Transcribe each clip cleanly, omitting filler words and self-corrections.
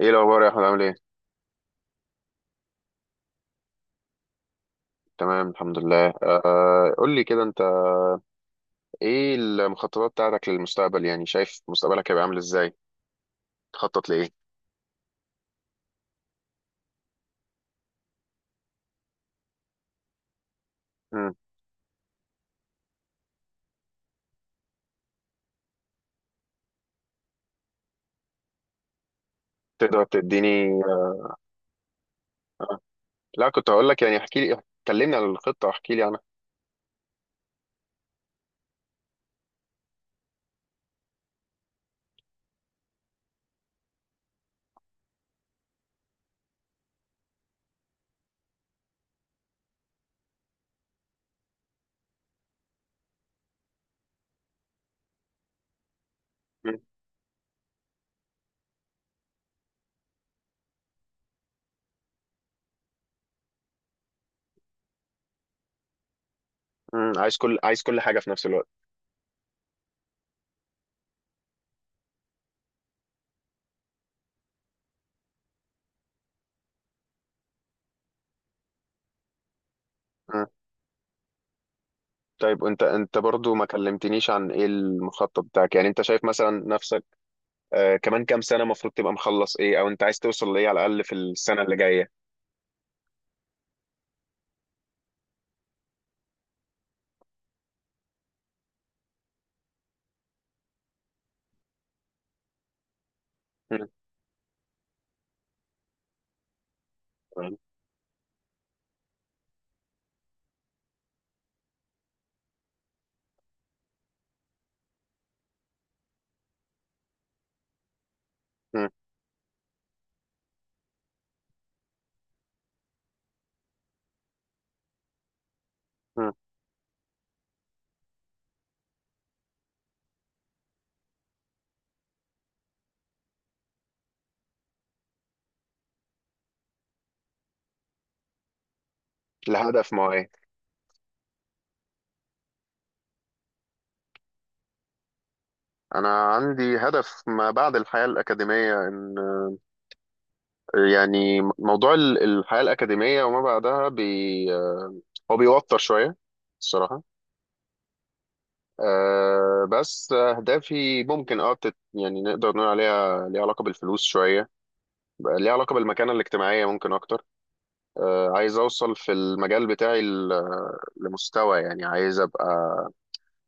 ايه الاخبار يا احمد؟ عامل ايه؟ تمام الحمد لله. قول لي كده، انت ايه المخططات بتاعتك للمستقبل؟ يعني شايف مستقبلك هيبقى عامل ازاي؟ تخطط لايه؟ مم. تقدر تديني؟ لا، كنت هقول لك يعني احكي لي، كلمني عن الخطه واحكي لي عنها. مم. مم. عايز كل حاجه في نفس الوقت. مم. طيب وانت برضو ما كلمتنيش عن ايه المخطط بتاعك؟ يعني انت شايف مثلا نفسك كمان كام سنه المفروض تبقى مخلص ايه، او انت عايز توصل لايه على الاقل في السنه اللي جايه؟ مم. مم. مم. الهدف ما هو ايه؟ أنا عندي هدف ما بعد الحياة الأكاديمية. يعني موضوع الحياة الأكاديمية وما بعدها بي، هو بيوتر شوية الصراحة. بس أهدافي ممكن يعني نقدر نقول عليها ليها علاقة بالفلوس شوية، بقى ليها علاقة بالمكانة الاجتماعية ممكن أكتر. عايز أوصل في المجال بتاعي لمستوى، يعني عايز أبقى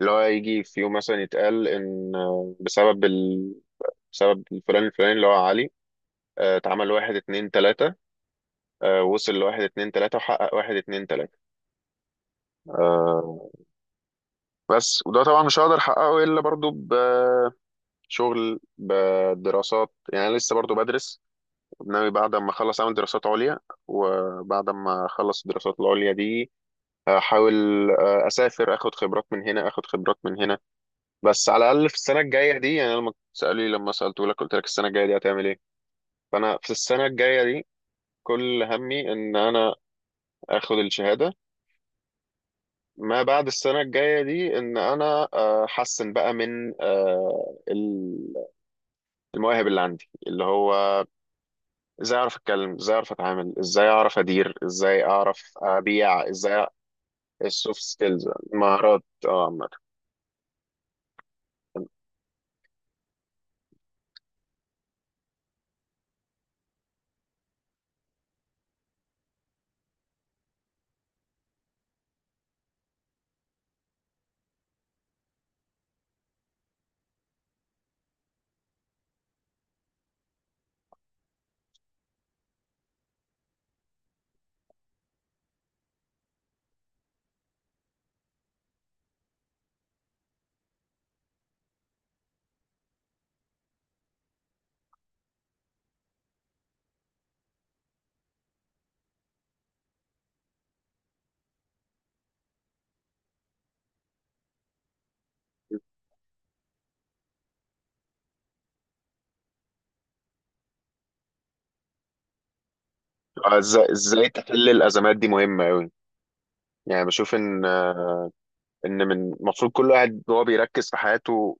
اللي هو يجي في يوم مثلا يتقال إن بسبب الفلان الفلاني اللي هو علي، اتعمل واحد اتنين تلاتة، وصل لواحد اتنين تلاتة وحقق واحد اتنين تلاتة. آه، بس وده طبعا مش هقدر أحققه إلا برضو بشغل بدراسات. يعني أنا لسه برضو بدرس، ناوي بعد ما أخلص أعمل دراسات عليا، وبعد ما أخلص الدراسات العليا دي أحاول أسافر أخد خبرات من هنا أخد خبرات من هنا. بس على الأقل في السنة الجاية دي، يعني أنا لما سألوني لما سألتهولك قلت لك السنة الجاية دي هتعمل إيه، فأنا في السنة الجاية دي كل همي إن أنا آخد الشهادة. ما بعد السنة الجاية دي إن أنا أحسن بقى من المواهب اللي عندي، اللي هو إزاي أعرف أتكلم، إزاي أعرف أتعامل، إزاي أعرف أدير، إزاي أعرف أبيع إزاي. السوفت سكيلز، المهارات اه عامة. إزاي تحل الأزمات دي مهمة أوي. يعني بشوف إن من المفروض كل واحد وهو بيركز في حياته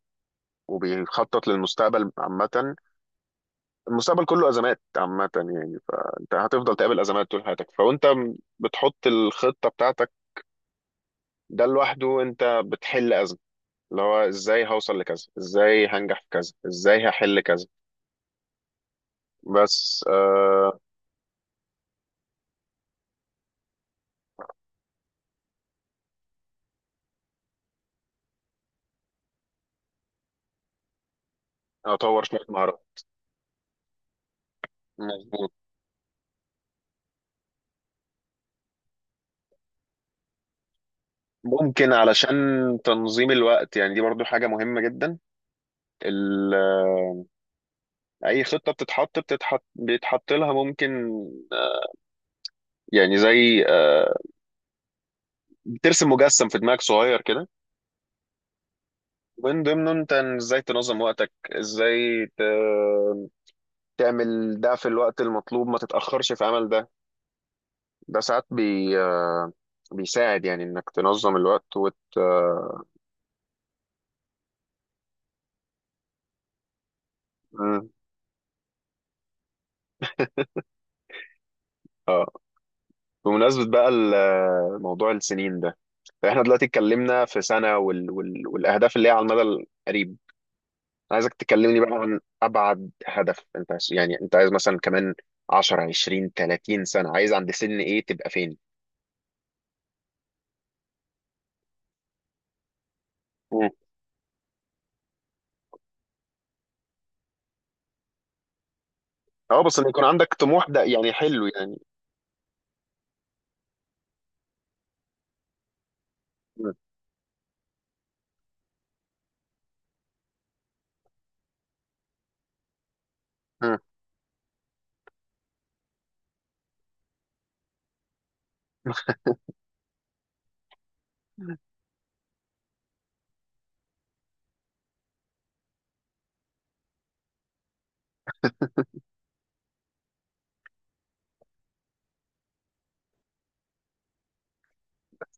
وبيخطط للمستقبل عامة، المستقبل كله ازمات عامه. يعني فانت هتفضل تقابل ازمات طول حياتك، بتحط الخطه بتاعتك، ده لوحده انت بتحل ازمه، اللي هو ازاي هوصل لكذا، ازاي هنجح في كذا، ازاي هحل كذا. بس آه، اطور شويه مهارات. مظبوط. ممكن علشان تنظيم الوقت، يعني دي برضو حاجه مهمه جدا. ال- آه، اي خطه بتتحط بتتحط بيتحط لها ممكن آه، يعني زي بترسم مجسم في دماغك صغير كده، ومن ضمنه انت ازاي تنظم وقتك، ازاي تعمل ده في الوقت المطلوب ما تتأخرش في عمل ده. ده ساعات بي... آه، بيساعد يعني انك تنظم الوقت وت... آه، مم. اه، بمناسبة بقى موضوع السنين ده، احنا دلوقتي اتكلمنا في سنة والاهداف اللي هي على المدى القريب. عايزك تكلمني بقى عن ابعد هدف انت يعني انت عايز مثلا كمان 10 20 30 سنة، عايز عند سن ايه تبقى فين؟ اه، بس ان يكون عندك طموح ده يعني حلو يعني. مم. مم.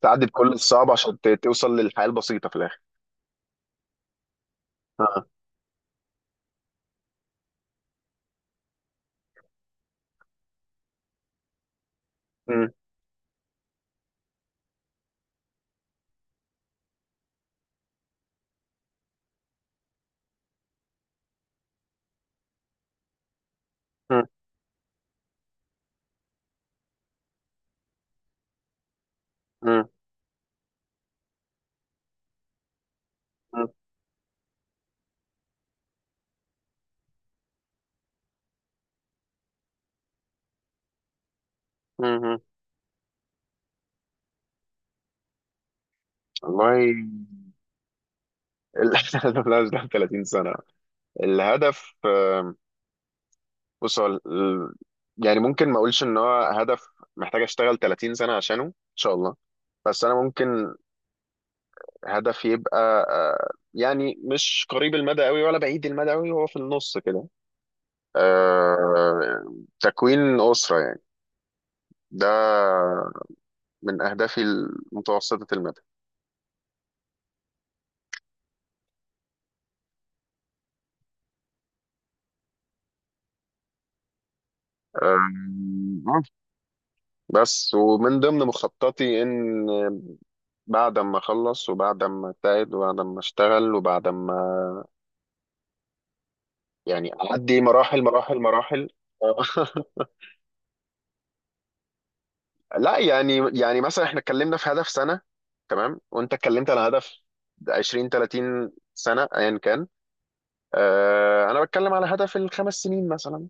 تعدي بكل الصعب عشان توصل للحياة البسيطة في الآخر. اه. مم. مم. مم. مم. مم. والله ال- لا، مش ده 30 سنة الهدف. بص هو يعني ممكن ما اقولش ان هو هدف محتاج اشتغل 30 سنة عشانه ان شاء الله، بس انا ممكن هدف يبقى يعني مش قريب المدى قوي ولا بعيد المدى قوي، هو في النص كده. آه، تكوين أسرة يعني. ده من أهدافي المتوسطة المدى. أم، آه، بس ومن ضمن مخططي إن بعد ما أخلص وبعد ما أجتهد وبعد ما أشتغل وبعد ما يعني أعدي مراحل مراحل مراحل. لا يعني مثلا إحنا اتكلمنا في هدف سنة تمام، وأنت اتكلمت على هدف 20 30 سنة أيا كان. أنا بتكلم على هدف الخمس سنين مثلا،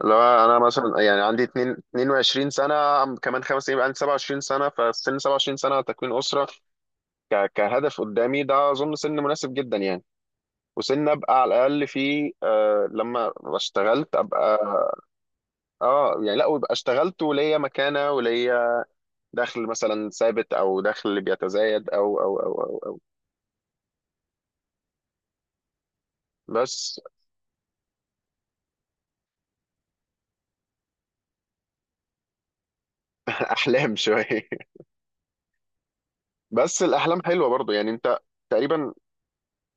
اللي هو انا مثلا يعني عندي 2 22 سنه، كمان 5 سنين يبقى عندي 27 سنه. فسن 27 سنه تكوين اسره كهدف قدامي ده اظن سن مناسب جدا يعني. وسن ابقى على الاقل فيه آه لما اشتغلت ابقى اه يعني، لا ويبقى اشتغلت وليا مكانه وليا دخل مثلا ثابت او دخل بيتزايد أو. بس. احلام شويه. بس الاحلام حلوه برضو يعني، انت تقريبا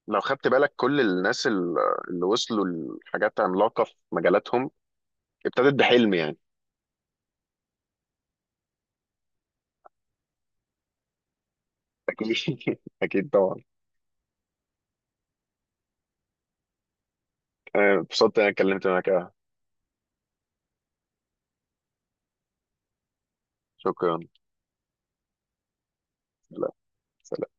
لو خدت بالك كل الناس اللي وصلوا لحاجات عملاقة في مجالاتهم ابتدت بحلم يعني. أكيد، أكيد طبعا. أنا اتبسطت إن أنا اتكلمت معاك. شكرا. لا، سلام.